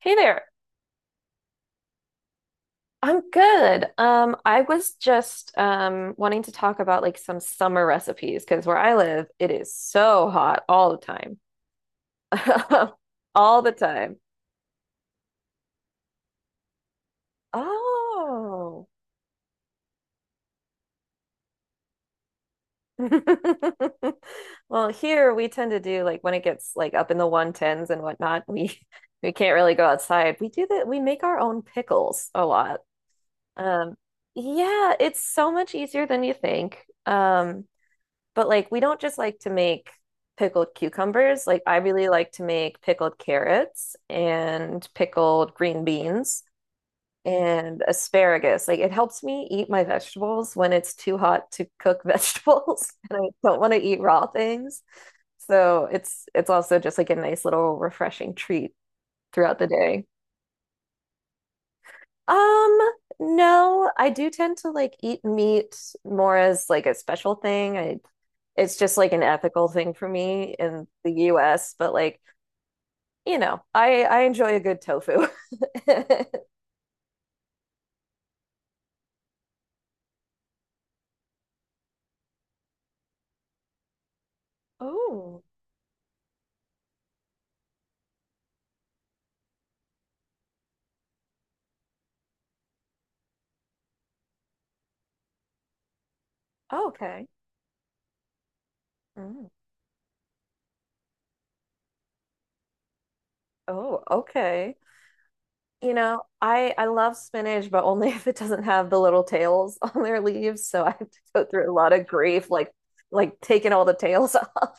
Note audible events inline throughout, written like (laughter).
Hey there. I'm good. I was just wanting to talk about like some summer recipes because where I live, it is so hot all the time. (laughs) All the time. Oh. (laughs) Well, here we tend to do like when it gets like up in the 110s and whatnot, we (laughs) we can't really go outside. We do that, we make our own pickles a lot. Um, yeah, it's so much easier than you think. But like we don't just like to make pickled cucumbers. Like I really like to make pickled carrots and pickled green beans and asparagus. Like it helps me eat my vegetables when it's too hot to cook vegetables (laughs) and I don't want to eat raw things. So it's also just like a nice little refreshing treat throughout the day. Um, no, I do tend to like eat meat more as like a special thing. I it's just like an ethical thing for me in the US, but like, I enjoy a good tofu. (laughs) Oh, okay. Mm. Oh, okay. I love spinach, but only (laughs) if it doesn't have the little tails (laughs) on their leaves, so I have to go through a lot of grief like taking all the tails (laughs)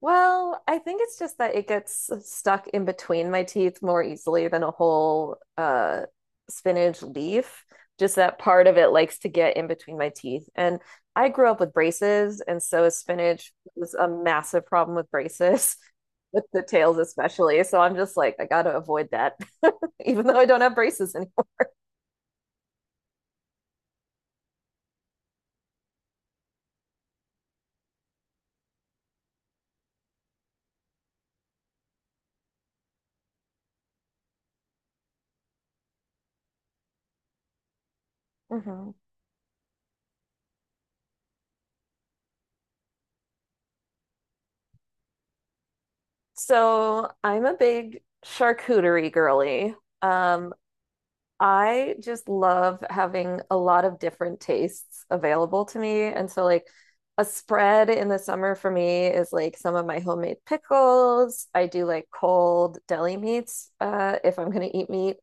Well, I think it's just that it gets stuck in between my teeth more easily than a whole spinach leaf. Just that part of it likes to get in between my teeth. And I grew up with braces, and so spinach was a massive problem with braces, (laughs) with the tails especially. So I'm just like, I gotta avoid that, (laughs) even though I don't have braces anymore. Mhm. So I'm a big charcuterie girly. Um, I just love having a lot of different tastes available to me. And so, like, a spread in the summer for me is like some of my homemade pickles. I do like cold deli meats if I'm going to eat meat.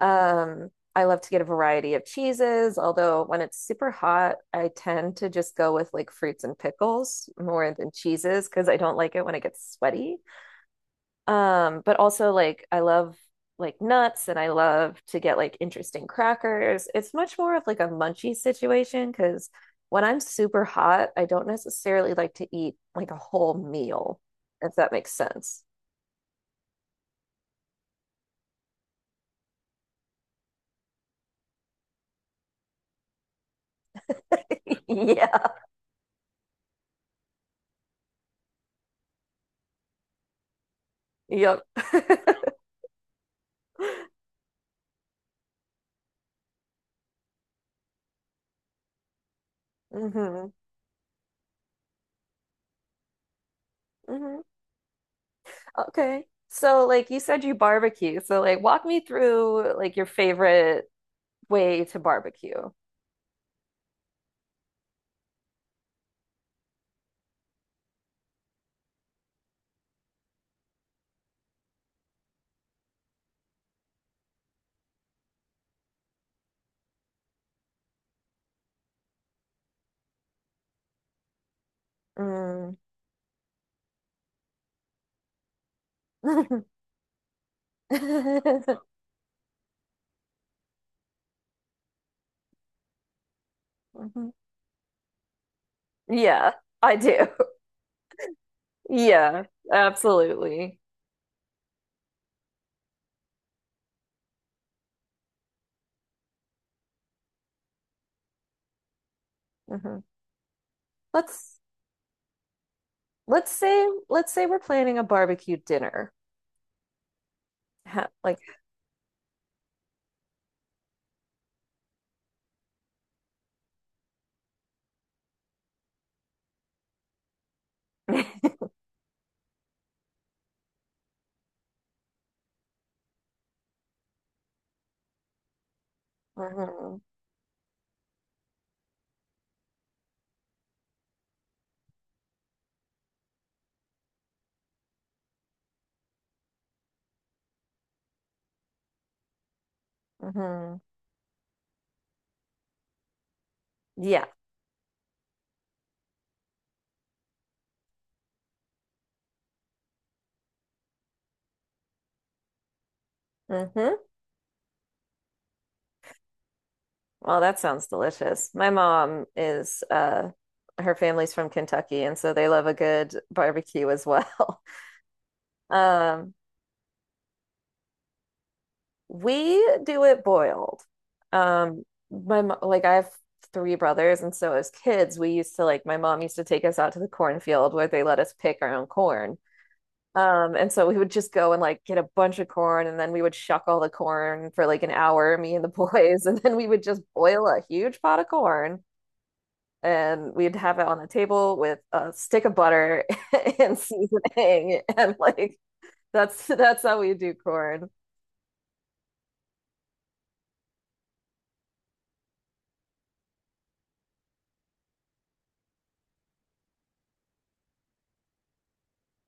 Um, I love to get a variety of cheeses, although when it's super hot, I tend to just go with like fruits and pickles more than cheeses because I don't like it when it gets sweaty. But also like I love like nuts and I love to get like interesting crackers. It's much more of like a munchy situation because when I'm super hot, I don't necessarily like to eat like a whole meal, if that makes sense. (laughs) Yeah. Yep. (laughs) hmm hmm Okay. So like you said you barbecue. So like walk me through like your favorite way to barbecue. Mm. (laughs) Mhm. Yeah, I do. Yeah, absolutely. Hmm Let's let's say we're planning a barbecue dinner. Ha- like, (laughs) hmm hmm Yeah. hmm Well, that sounds delicious. My mom is her family's from Kentucky, and so they love a good barbecue as well. (laughs) Um, we do it boiled. Um, like I have three brothers, and so as kids, we used to like my mom used to take us out to the cornfield where they let us pick our own corn. And so we would just go and like get a bunch of corn and then we would shuck all the corn for like an hour, me and the (laughs) boys, and then we would just boil a huge pot of corn and we'd have it on the table with a stick of butter (laughs) and seasoning and like that's how we do corn.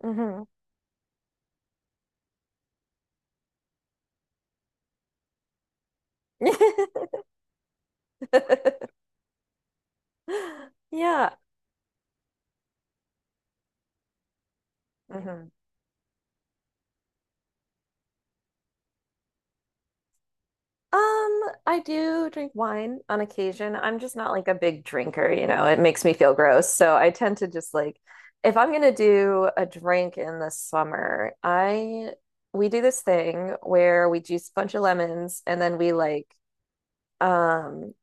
Hmm (laughs) Yeah. hmm Um, I do drink wine on occasion. I'm just not like a big drinker, you know, it makes me feel gross. So I tend to just like, if I'm gonna do a drink in the summer, I we do this thing where we juice a bunch of lemons and then we like, um,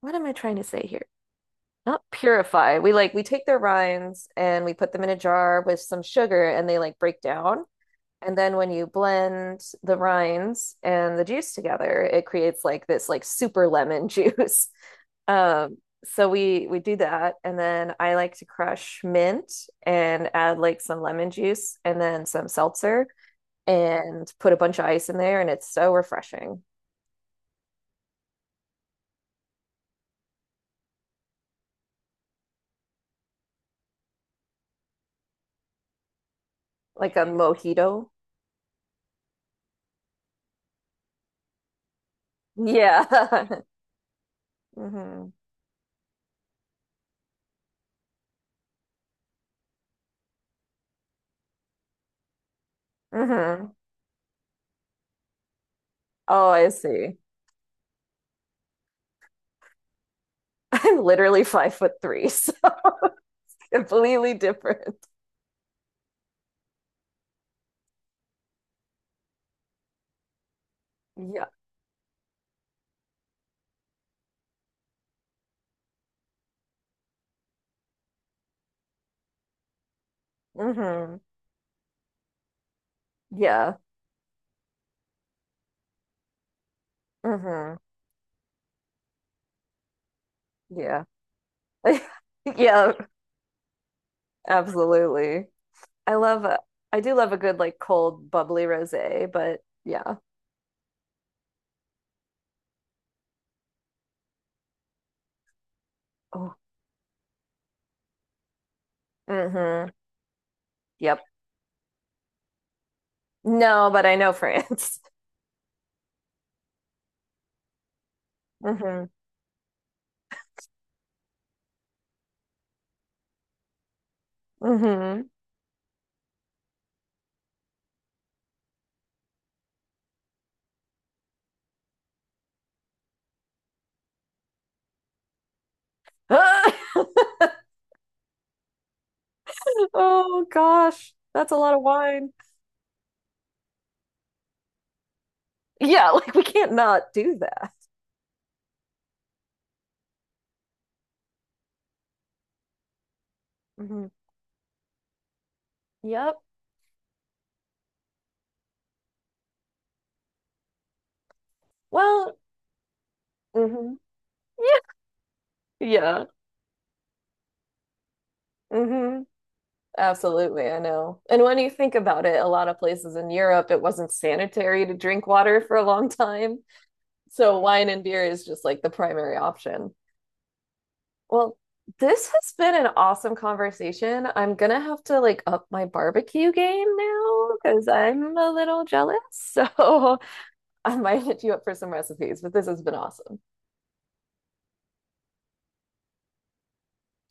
what am I trying to say here? Not purify. We take their rinds and we put them in a jar with some sugar and they like break down. And then when you blend the rinds and the juice together, it creates like this like super lemon juice. (laughs) Um, so we do that, and then I like to crush mint and add like some lemon juice and then some seltzer and put a bunch of ice in there, and it's so refreshing, like a mojito. Yeah. (laughs) hmm hmm Oh, I see. (laughs) I'm literally 5 foot three, so (laughs) completely different. Yeah. hmm Yeah. hmm Yeah. (laughs) Yeah, absolutely. I love a, I do love a good like cold bubbly rosé, but yeah. Oh. hmm Yep. No, but I know France. (laughs) hmm hmm (laughs) Oh gosh, that's a lot of wine. Yeah, (laughs) like we can't not do that. Hmm Yep. Well, hmm Yeah. Yeah. hmm Absolutely, I know. And when you think about it, a lot of places in Europe, it wasn't sanitary to drink water for a long time. So wine and beer is just like the primary option. Well, this has been an awesome conversation. I'm gonna have to like up my barbecue game now because I'm a little jealous. So (laughs) I might hit you up for some recipes, but this has been awesome.